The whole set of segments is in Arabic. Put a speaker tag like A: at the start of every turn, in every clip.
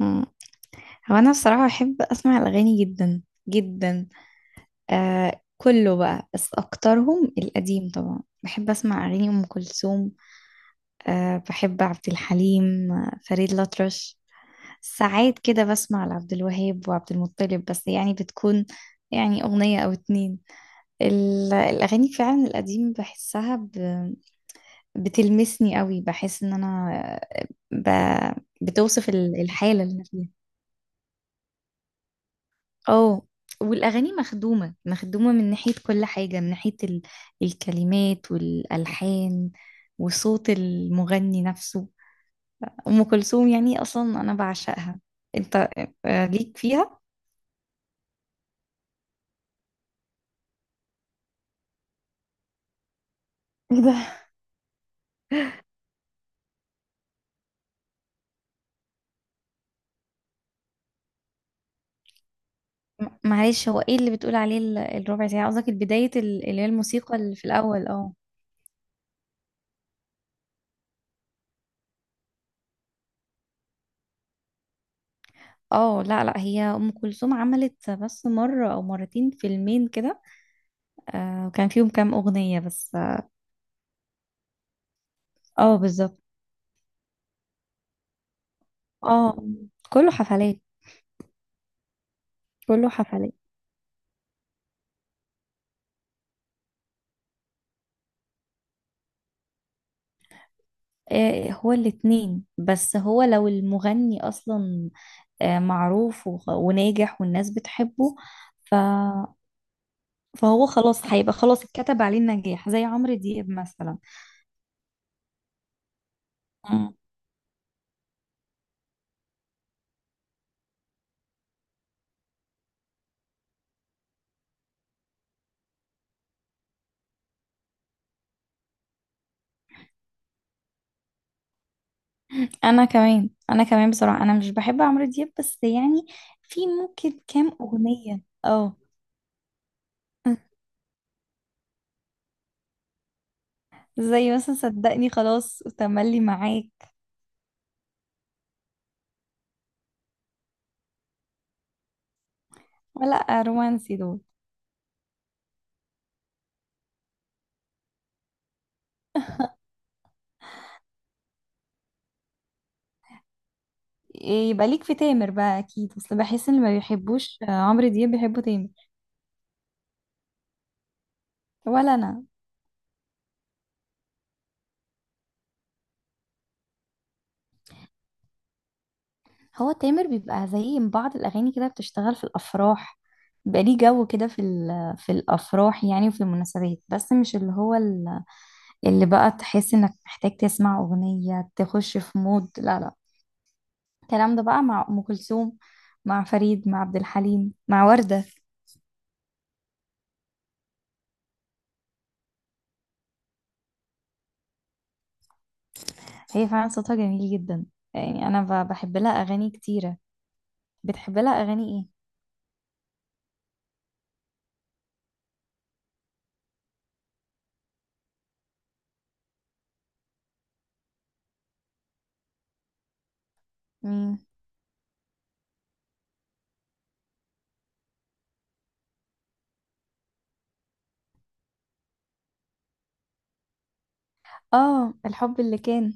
A: مم. هو انا الصراحه بحب اسمع الاغاني جدا جدا. آه، كله بقى، بس اكترهم القديم. طبعا بحب اسمع اغاني ام كلثوم. آه، بحب عبد الحليم، فريد الأطرش. ساعات كده بسمع لعبد الوهاب وعبد المطلب، بس يعني بتكون يعني اغنيه او اتنين. الاغاني فعلا القديم بحسها. بتلمسني قوي، بحس ان انا. بتوصف الحاله اللي انا فيها اه. والاغاني مخدومه مخدومه من ناحيه كل حاجه، من ناحيه الكلمات والالحان وصوت المغني نفسه. ام كلثوم يعني اصلا انا بعشقها. انت. آه، ليك فيها. ايه ده؟ معلش، هو ايه اللي بتقول عليه الربع ساعه؟ قصدك البدايه اللي هي الموسيقى اللي في الاول اه. اه، لا لا، هي ام كلثوم عملت بس مره او مرتين فيلمين كده. آه، وكان فيهم كام اغنيه بس اه. آه، بالظبط. اه. كله حفلات. كله حفلات. آه، هو الاتنين، بس هو لو المغني اصلا آه، معروف وناجح والناس بتحبه. ف... فهو خلاص، هيبقى خلاص اتكتب عليه النجاح زي عمرو دياب مثلا. مم. انا كمان بصراحة انا مش بحب عمرو دياب، بس يعني في ممكن كام اغنية اه. زي مثلا صدقني خلاص وتملي معاك. لا، رومانسي دول. يبقى ليك في تامر بقى اكيد، بس بحس ان ما بيحبوش عمرو دياب، بيحبوا تامر. ولا انا. هو تامر بيبقى زي بعض الأغاني كده بتشتغل في الأفراح. بيبقى ليه جو كده في الأفراح يعني، وفي المناسبات، بس مش اللي هو اللي بقى تحس إنك محتاج تسمع أغنية تخش في مود. لا لا. الكلام ده بقى مع أم كلثوم، مع فريد، مع عبد الحليم، مع وردة. هي فعلا صوتها جميل جدا. يعني أنا بحب لها أغاني كتيرة. بتحب لها أغاني إيه؟ مم. آه، الحب اللي كان.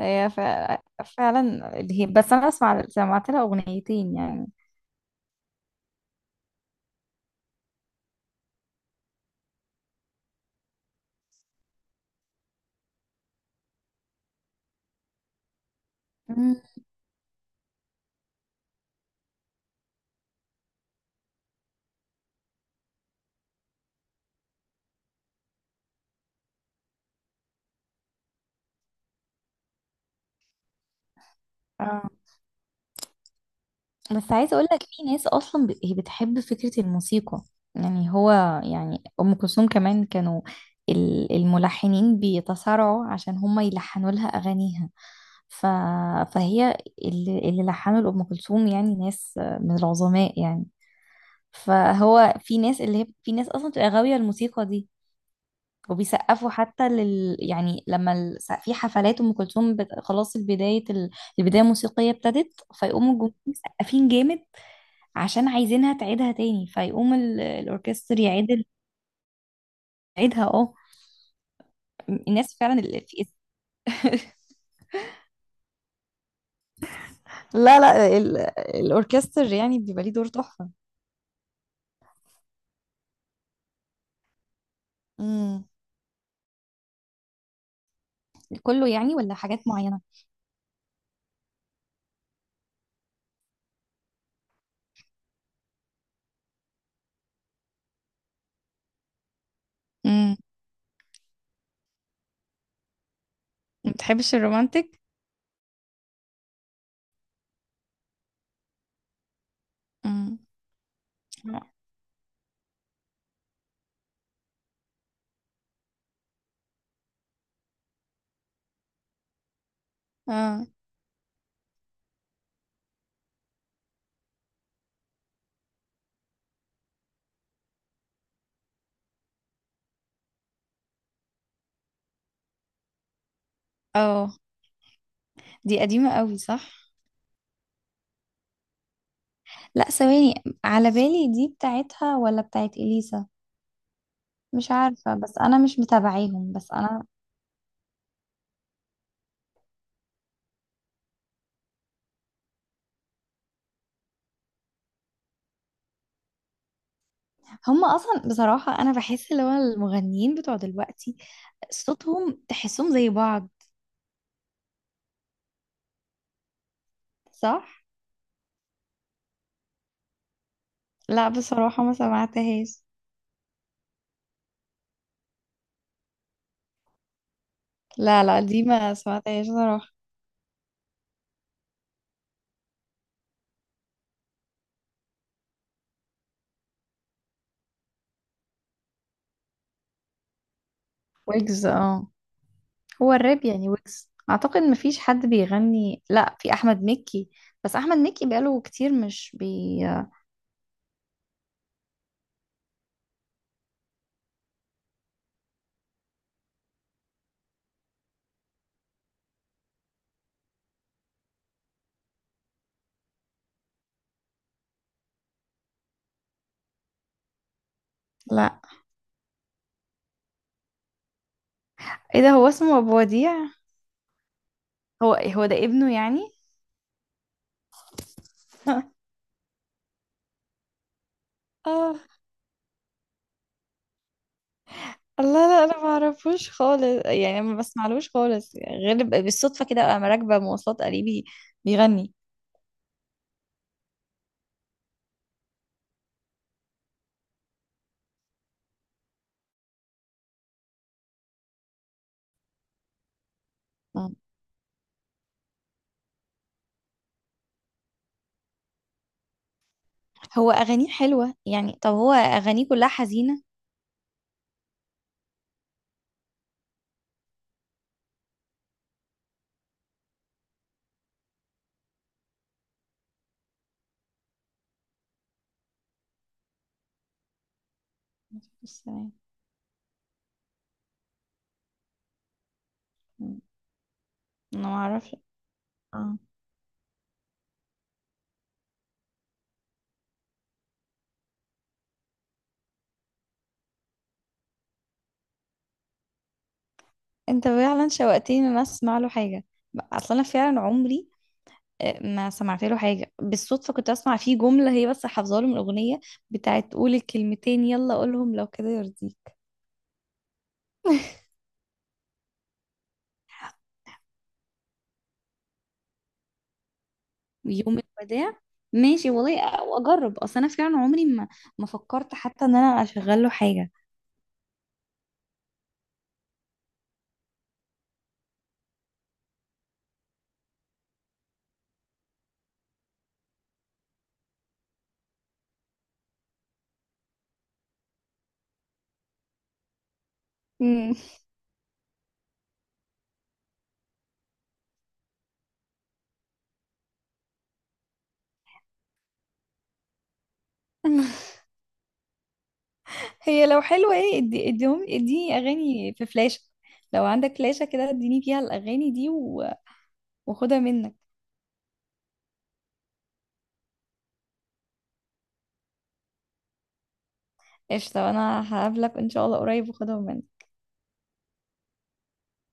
A: هي فعلا اللي هي، بس انا سمعت لها اغنيتين يعني. مم. اه. بس عايزه اقول لك في ناس اصلا هي بتحب فكره الموسيقى. يعني هو، يعني ام كلثوم كمان كانوا الملحنين بيتصارعوا عشان هم يلحنوا لها اغانيها. ف... فهي اللي لحنوا لام كلثوم، يعني ناس من العظماء يعني. فهو في ناس، اللي هي في ناس اصلا بتبقى غاويه الموسيقى دي. وبيسقفوا حتى يعني لما في حفلات ام كلثوم خلاص، البدايه الموسيقيه ابتدت، فيقوموا الجمهور مسقفين جامد عشان عايزينها تعيدها تاني، فيقوم الاوركستر يعيدها اه. الناس فعلا ال... في لا لا، الاوركستر يعني بيبقى ليه دور تحفة. امم كله يعني ولا حاجات معينه؟ امم ما بتحبش الرومانتك؟ امم اه، اه. دي قديمة قوي، صح؟ لا ثواني. على بالي دي بتاعتها ولا بتاعت اليسا؟ مش عارفة، بس انا مش متابعيهم، بس انا هم اصلا بصراحة انا بحس اللي هو المغنيين بتوع دلوقتي صوتهم تحسهم زي بعض. صح. لا بصراحة ما سمعتهاش. لا لا، دي ما سمعتهاش صراحة. ويجز، اه. هو الراب يعني ويجز، اعتقد ما فيش حد بيغني، لا في احمد مكي. بس احمد مكي بقاله كتير مش بي. لا، ايه ده؟ هو اسمه ابو وديع؟ هو هو ده ابنه يعني؟ اه. الله، لا انا ما اعرفوش خالص، يعني ما بسمعلوش خالص يعني غير بالصدفه كده انا راكبه مواصلات قريبي بيغني. آه. هو اغانيه حلوه يعني، طب هو اغانيه كلها حزينه؟ بس تمام. مم. انا ما اعرفش. اه. انت فعلا شوقتني ان انا اسمع له حاجه. اصلا انا فعلا عمري ما سمعت له حاجه. بالصدفه كنت اسمع فيه جمله، هي بس حافظاها له من اغنيه بتاعت قولي كلمتين يلا قولهم لو كده يرضيك. يوم الوداع. ماشي والله، واجرب، اصل انا فعلا عمري ما فكرت حتى ان انا اشغل له حاجه. مم. هي لو حلوة، ايه، اديني اغاني في فلاشة. لو عندك فلاشة كده اديني فيها الاغاني دي واخدها منك. قشطة، انا هقابلك ان شاء الله قريب واخدهم منك.